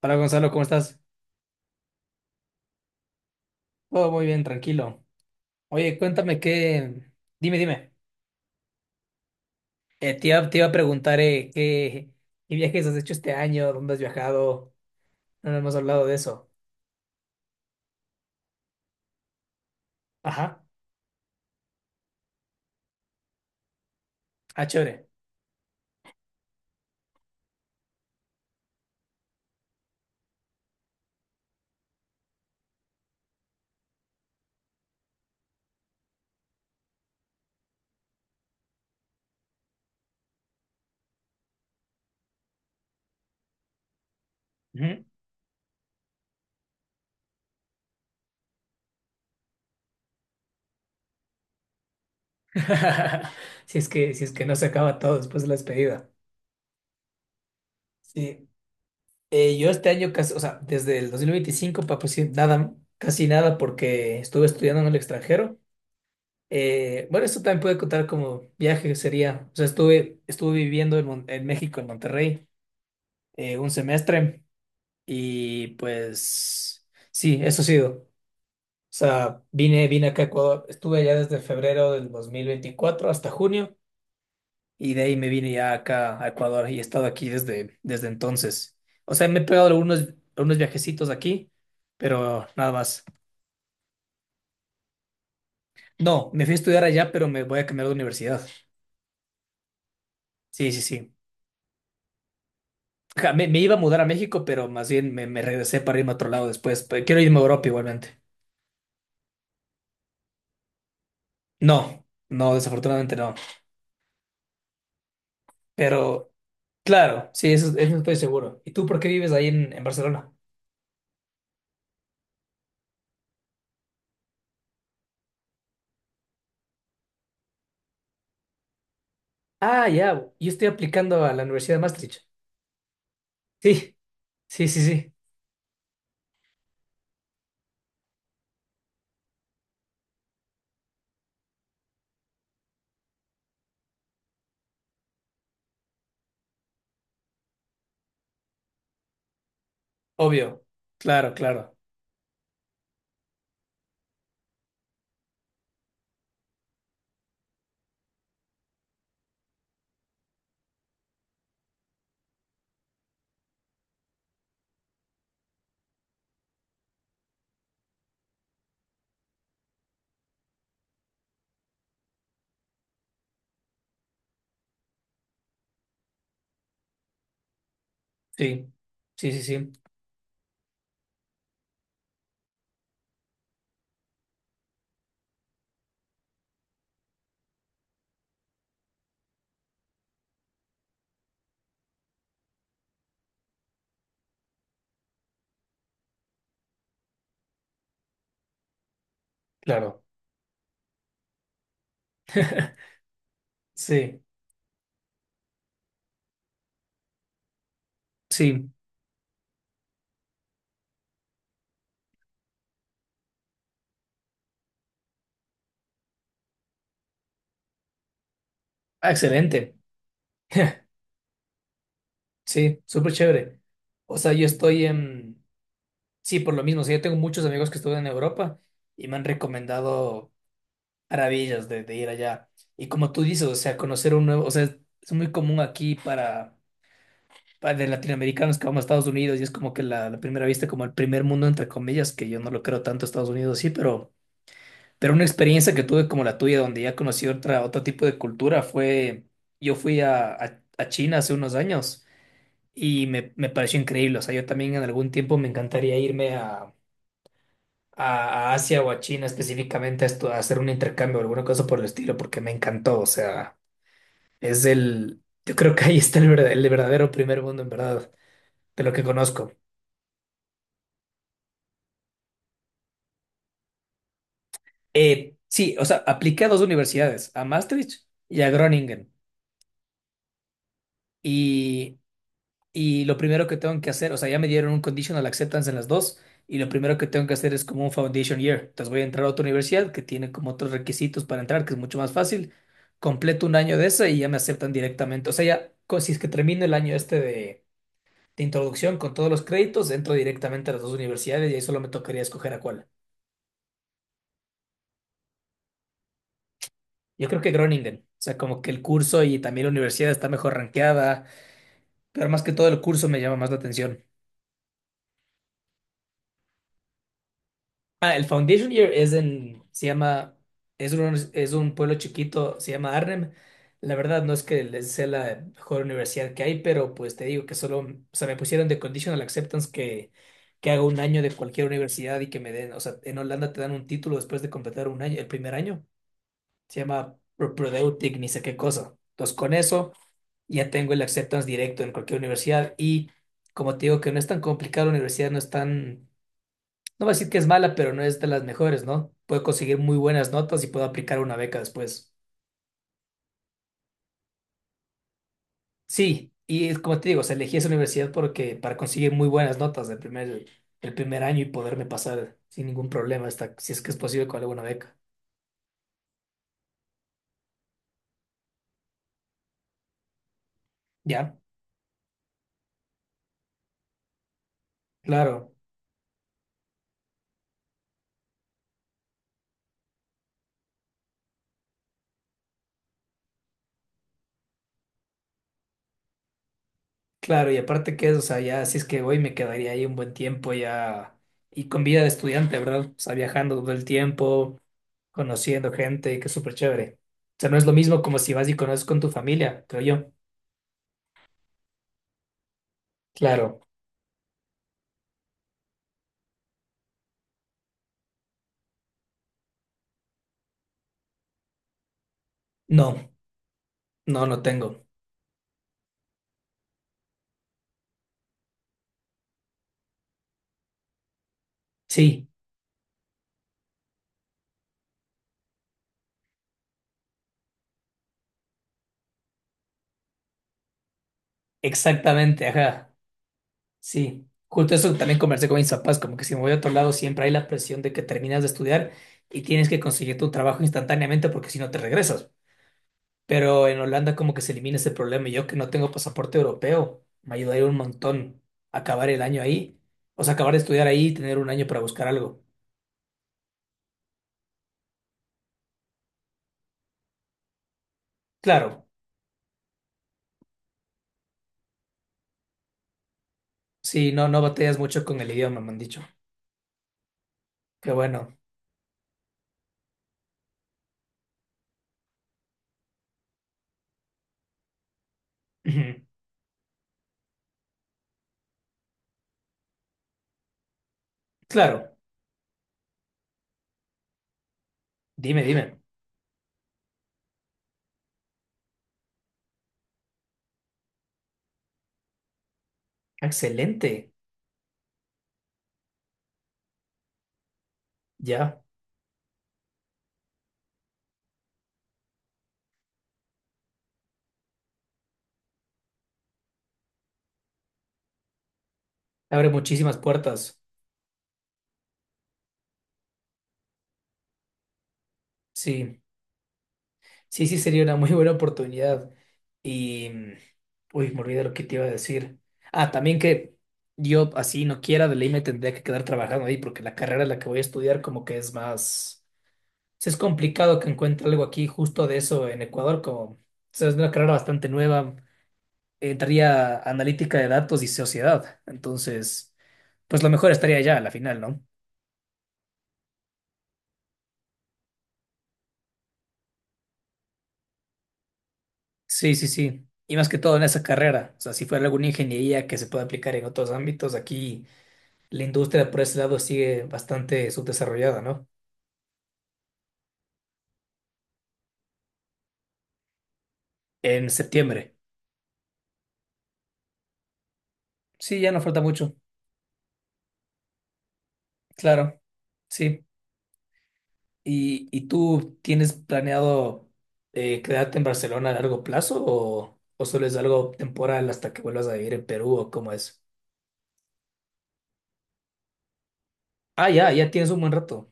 Hola Gonzalo, ¿cómo estás? Todo muy bien, tranquilo. Oye, cuéntame qué. Dime, dime. Te iba a preguntar qué viajes has hecho este año, dónde has viajado. No nos hemos hablado de eso. Ajá. Ah, chévere. Ujú. Si es que no se acaba todo después de la despedida. Sí. Yo este año casi, o sea, desde el 2025 para pues, sí, nada, casi nada porque estuve estudiando en el extranjero. Bueno, esto también puede contar como viaje, sería. O sea, estuve viviendo en México, en Monterrey, un semestre y pues sí, eso ha sido. O sea, vine acá a Ecuador, estuve allá desde febrero del 2024 hasta junio y de ahí me vine ya acá a Ecuador y he estado aquí desde entonces. O sea, me he pegado algunos viajecitos aquí, pero nada más. No, me fui a estudiar allá, pero me voy a cambiar de universidad. Sí, sí, sí. Ja, me iba a mudar a México, pero más bien me regresé para irme a otro lado después. Pero quiero irme a Europa igualmente. No, no, desafortunadamente no. Pero claro, sí, eso estoy seguro. ¿Y tú por qué vives ahí en Barcelona? Ah, ya, yo estoy aplicando a la Universidad de Maastricht. Sí, sí, sí, sí, obvio. Claro, claro. Sí, sí, sí, sí, claro. Sí, sí. Ah, excelente. Sí, súper chévere. O sea, yo estoy en. Sí, por lo mismo, o sea, yo tengo muchos amigos que estudian en Europa y me han recomendado maravillas de ir allá. Y como tú dices, o sea, conocer un nuevo, o sea, es muy común aquí para de latinoamericanos que vamos a Estados Unidos y es como que la primera vista, como el primer mundo, entre comillas, que yo no lo creo tanto Estados Unidos, sí, pero una experiencia que tuve como la tuya, donde ya conocí otra, otro tipo de cultura, fue, yo fui a China hace unos años y me pareció increíble, o sea, yo también en algún tiempo me encantaría irme a Asia o a China específicamente a hacer un intercambio o alguna cosa por el estilo, porque me encantó. O sea, yo creo que ahí está el verdadero primer mundo, en verdad, de lo que conozco. Sí, o sea, apliqué a dos universidades, a Maastricht y a Groningen. Y lo primero que tengo que hacer, o sea, ya me dieron un conditional acceptance en las dos, y lo primero que tengo que hacer es como un foundation year. Entonces voy a entrar a otra universidad que tiene como otros requisitos para entrar, que es mucho más fácil. Completo un año de esa y ya me aceptan directamente. O sea, ya, si es que termino el año este de introducción con todos los créditos, entro directamente a las dos universidades y ahí solo me tocaría escoger a cuál. Yo creo que Groningen, o sea, como que el curso y también la universidad está mejor rankeada, pero más que todo el curso me llama más la atención. Ah, el Foundation Year es en, se llama, es un pueblo chiquito, se llama Arnhem. La verdad no es que les sea la mejor universidad que hay, pero pues te digo que solo, o sea, me pusieron de conditional acceptance que haga un año de cualquier universidad y que me den, o sea, en Holanda te dan un título después de completar un año, el primer año. Se llama Prodeutic, ni sé qué cosa. Entonces con eso ya tengo el acceptance directo en cualquier universidad y como te digo que no es tan complicado, la universidad no es tan, no voy a decir que es mala, pero no es de las mejores, ¿no? Puedo conseguir muy buenas notas y puedo aplicar una beca después. Sí, y es como te digo, o sea, elegí esa universidad porque para conseguir muy buenas notas el primer año y poderme pasar sin ningún problema hasta si es que es posible con alguna beca. Ya, claro, claro, y aparte que es, o sea, ya si es que voy me quedaría ahí un buen tiempo ya y con vida de estudiante, ¿verdad? O sea, viajando todo el tiempo, conociendo gente, que es súper chévere. O sea, no es lo mismo como si vas y conoces con tu familia, creo yo. Claro. No, no, no tengo. Sí, exactamente, ajá. Sí. Justo eso también conversé con mis papás, como que si me voy a otro lado siempre hay la presión de que terminas de estudiar y tienes que conseguir tu trabajo instantáneamente porque si no te regresas. Pero en Holanda como que se elimina ese problema y yo que no tengo pasaporte europeo, me ayudaría un montón acabar el año ahí, o sea, acabar de estudiar ahí y tener un año para buscar algo. Claro, sí, no, no batallas mucho con el idioma, me han dicho. Qué bueno. Ujú. Claro, dime, dime. Excelente. Ya. Abre muchísimas puertas. Sí, sí, sí, sería una muy buena oportunidad. Y, uy, me olvidé lo que te iba a decir. Ah, también que yo así no quiera, de ley me tendría que quedar trabajando ahí porque la carrera en la que voy a estudiar como que es más. Sí, es complicado que encuentre algo aquí justo de eso en Ecuador, como, o sea, es una carrera bastante nueva. Entraría analítica de datos y sociedad. Entonces, pues lo mejor estaría allá a la final, ¿no? Sí, sí, sí. Y más que todo en esa carrera. O sea, si fuera alguna ingeniería que se pueda aplicar en otros ámbitos, aquí la industria por ese lado sigue bastante subdesarrollada, ¿no? En septiembre. Sí, ya no falta mucho. Claro. Sí. ¿Y tú tienes planeado quedarte en Barcelona a largo plazo o solo es algo temporal hasta que vuelvas a vivir en Perú o cómo es? Ah, ya, ya tienes un buen rato.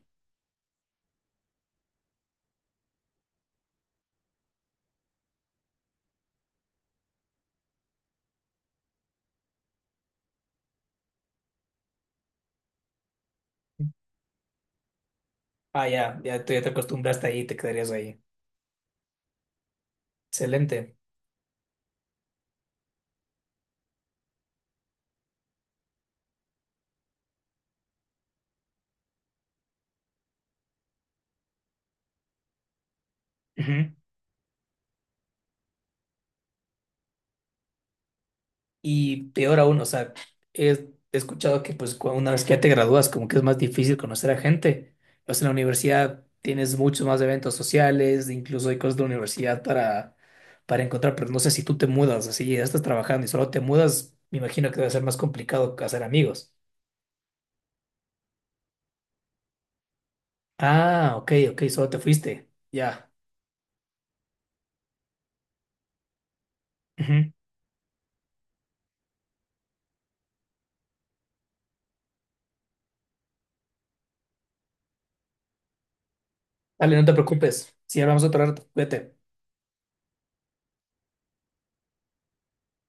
Ah, ya, ya, tú ya te acostumbraste ahí y te quedarías ahí. Excelente. Ujú. Y peor aún, o sea, he escuchado que pues una vez que ya te gradúas, como que es más difícil conocer a gente. Pues en la universidad tienes muchos más eventos sociales, incluso hay cosas de la universidad para encontrar, pero no sé si tú te mudas, así ya estás trabajando y solo te mudas, me imagino que debe ser más complicado hacer amigos. Ah, ok, ok, solo te fuiste. Ya. Ujú. Dale, no te preocupes. Si hablamos otro rato, cuídate.